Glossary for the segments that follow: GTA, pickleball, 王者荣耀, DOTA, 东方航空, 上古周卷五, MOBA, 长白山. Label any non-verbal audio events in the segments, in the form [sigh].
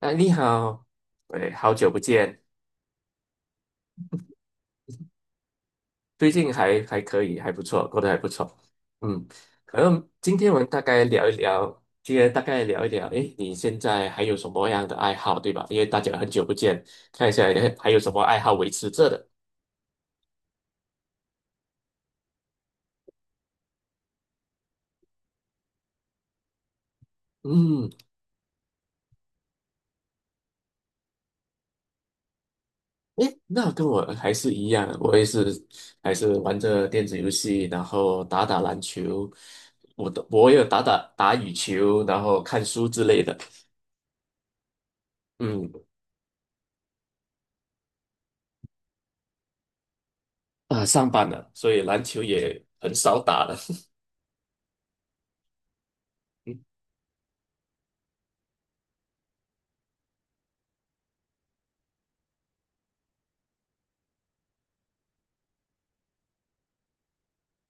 哎，你好。哎，好久不见。最近还可以，还不错，过得还不错。嗯。可能今天我们大概聊一聊，今天大概聊一聊，哎，你现在还有什么样的爱好，对吧？因为大家很久不见，看一下诶还有什么爱好维持着的。嗯。哎，那跟我还是一样，我也是还是玩着电子游戏，然后打打篮球。我也有打打羽球，然后看书之类的。嗯。啊，上班了，所以篮球也很少打了。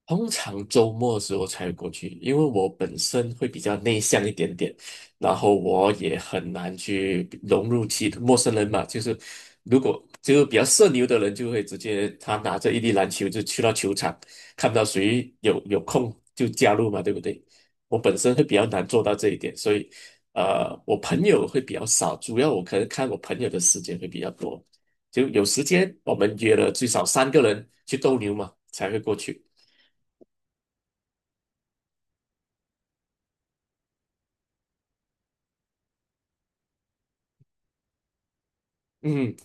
通常周末的时候才过去，因为我本身会比较内向一点点。然后我也很难去融入其陌生人嘛。就是如果就是比较社牛的人，就会直接他拿着一粒篮球就去到球场，看到谁有空就加入嘛，对不对？我本身会比较难做到这一点，所以我朋友会比较少，主要我可能看我朋友的时间会比较多，就有时间我们约了最少三个人去斗牛嘛，才会过去。嗯。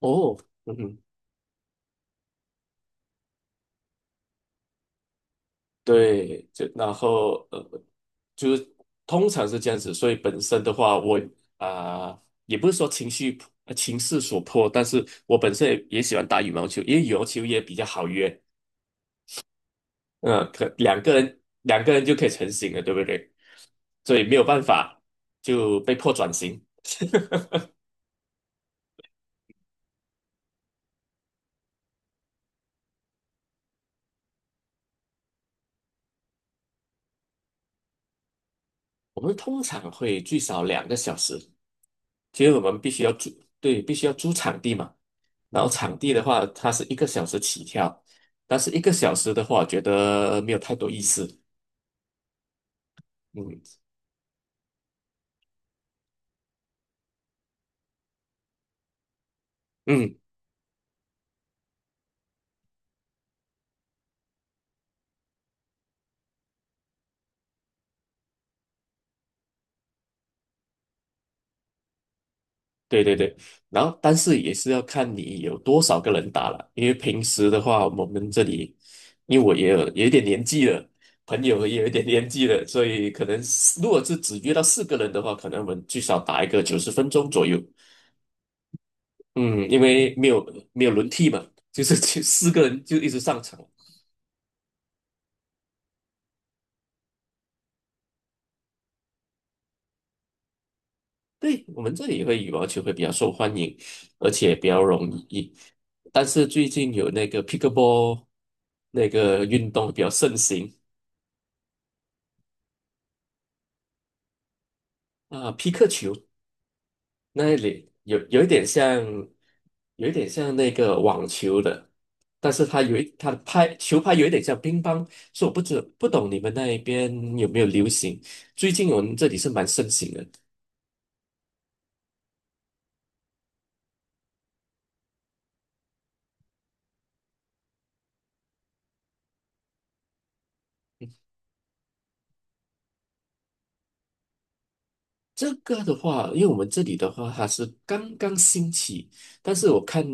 哦。嗯哼。对，就然后就是通常是这样子，所以本身的话，我啊、也不是说情势所迫，但是我本身也喜欢打羽毛球，因为羽毛球也比较好约。嗯、可两个人就可以成型了，对不对？所以没有办法就被迫转型。我们通常会最少2个小时，其实我们必须要租。对，必须要租场地嘛。然后场地的话，它是一个小时起跳，但是一个小时的话，我觉得没有太多意思。嗯嗯。对对对。然后，但是也是要看你有多少个人打了，因为平时的话，我们这里，因为我也有一点年纪了，朋友也有一点年纪了，所以可能是如果是只约到四个人的话，可能我们最少打一个90分钟左右。嗯，因为没有轮替嘛，就是 [laughs] 四个人就一直上场。对，我们这里会羽毛球会比较受欢迎，而且比较容易。但是最近有那个 pickleball 那个运动比较盛行。啊，皮克球那里有一点像，有一点像那个网球的，但是它它的拍球拍有一点像乒乓，所以我不懂你们那一边有没有流行。最近我们这里是蛮盛行的。这个的话，因为我们这里的话，它是刚刚兴起。但是我看，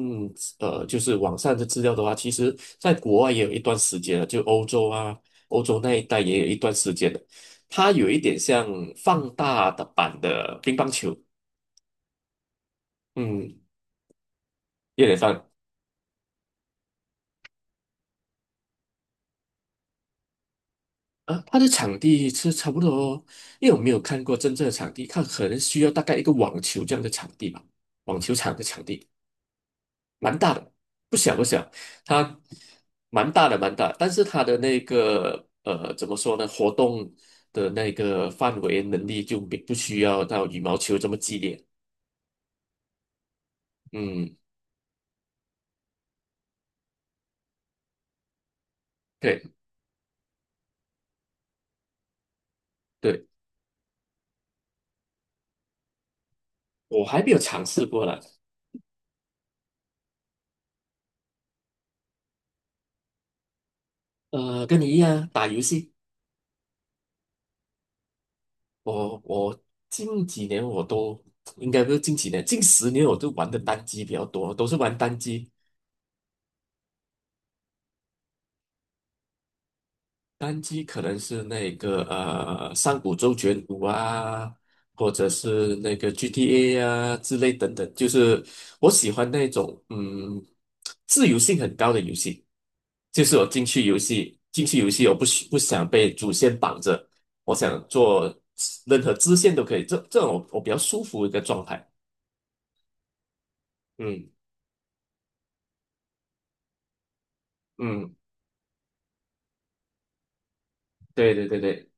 就是网上的资料的话，其实在国外也有一段时间了，就欧洲啊，欧洲那一带也有一段时间了。它有一点像放大的版的乒乓球。嗯。有点像啊。它的场地是差不多哦，因为我没有看过真正的场地，看可能需要大概一个网球这样的场地吧，网球场的场地。蛮大的，不小不小。它蛮大的蛮大，但是它的那个怎么说呢，活动的那个范围能力就没不需要到羽毛球这么激烈。嗯，对对。我还没有尝试过了。跟你一样打游戏。我近几年我都应该不是近几年，近10年我都玩的单机比较多，都是玩单机。单机可能是那个《上古周卷五》啊，或者是那个 GTA 啊之类等等，就是我喜欢那种嗯自由性很高的游戏，就是我进去游戏，我不想被主线绑着，我想做任何支线都可以，这种我比较舒服的一个状态。嗯嗯。对对对对。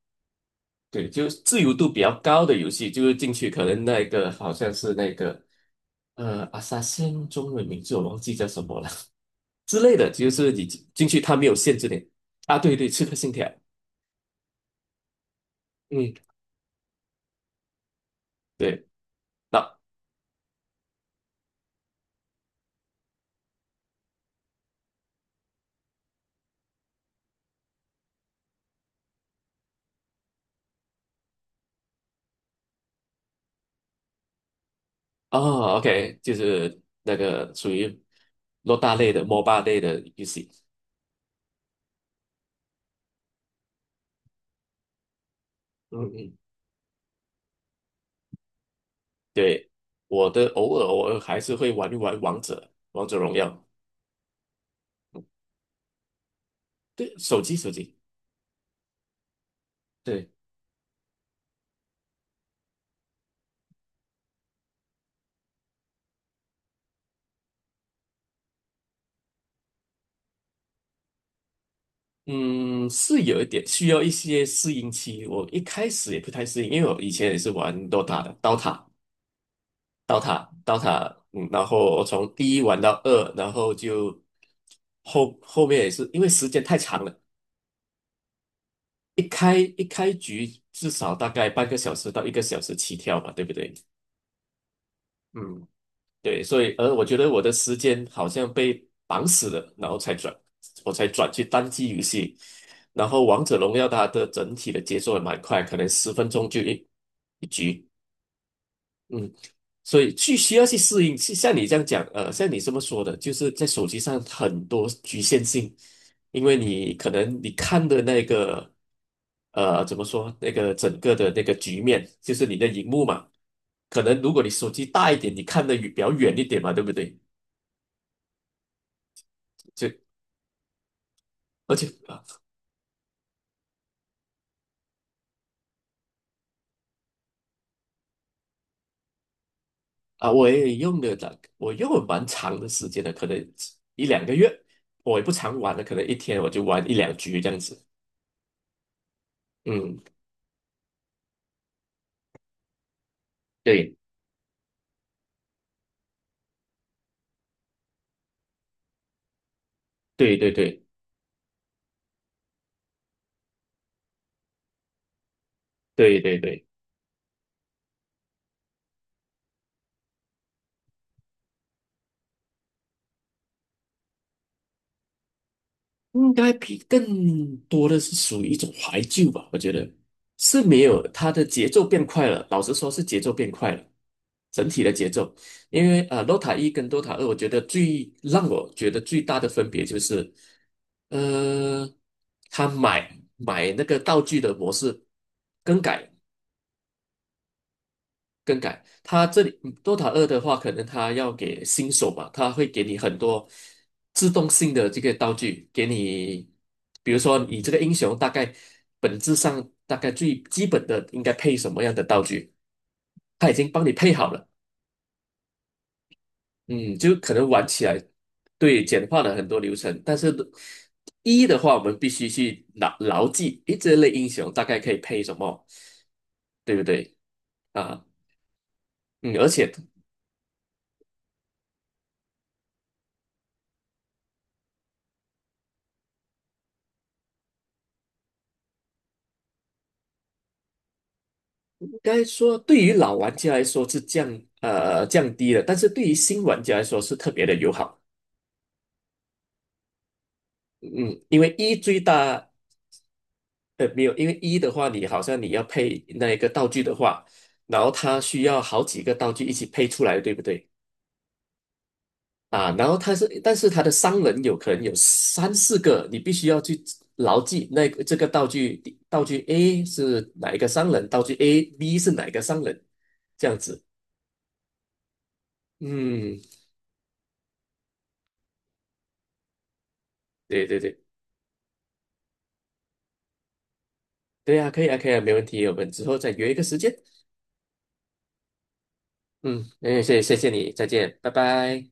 对，就是自由度比较高的游戏，就是进去可能那个好像是那个阿萨辛中文名字我忘记叫什么了 [laughs] 之类的，就是你进去它没有限制你。啊，对对，刺客信条。嗯。对。那哦，OK,就是那个属于洛大类的 MOBA 类的游戏。嗯嗯。对，我的偶尔还是会玩一玩王者，王者荣耀。对，手机。对。嗯，是有一点需要一些适应期。我一开始也不太适应，因为我以前也是玩 DOTA 的，DOTA、DOTA、DOTA。嗯，然后我从第一玩到二，然后就后面也是因为时间太长了，一开局至少大概半个小时到一个小时起跳吧，对不对？嗯，对，所以我觉得我的时间好像被绑死了，然后才转，我才转去单机游戏。然后《王者荣耀》它的整体的节奏也蛮快，可能十分钟就一局。嗯，所以去需要去适应。呃，像你这么说的，就是在手机上很多局限性，因为你可能你看的那个，怎么说，那个整个的那个局面，就是你的荧幕嘛，可能如果你手机大一点，你看的比较远一点嘛，对不对？就。而且啊，啊我也用了大我用了蛮长的时间的，可能一两个月。我也不常玩了，可能一天我就玩一两局这样子。嗯，对。对对对对对对。应该比更多的是属于一种怀旧吧，我觉得是没有它的节奏变快了，老实说是节奏变快了，整体的节奏。因为DOTA 1跟 Dota 二，我觉得最大的分别就是，呃，他买那个道具的模式更改，更改。它这里嗯 Dota 二的话，可能它要给新手嘛，它会给你很多自动性的这个道具，给你，比如说你这个英雄本质上大概最基本的应该配什么样的道具，他已经帮你配好了。嗯，就可能玩起来。对，简化了很多流程。但是一的话，我们必须去牢牢记，诶，这类英雄大概可以配什么，对不对？啊。嗯，而且应该说，对于老玩家来说是呃降低了，但是对于新玩家来说是特别的友好。嗯，因为一最大没有，因为一的话，你好像你要配那一个道具的话，然后它需要好几个道具一起配出来，对不对？啊，然后它是，但是它的商人有可能有三四个，你必须要去牢记那个这个道具，道具 A 是哪一个商人，道具 B 是哪一个商人，这样子。嗯，对对对。对呀，可以啊，可以啊，没问题，我们之后再约一个时间。嗯，哎谢谢你，再见，拜拜。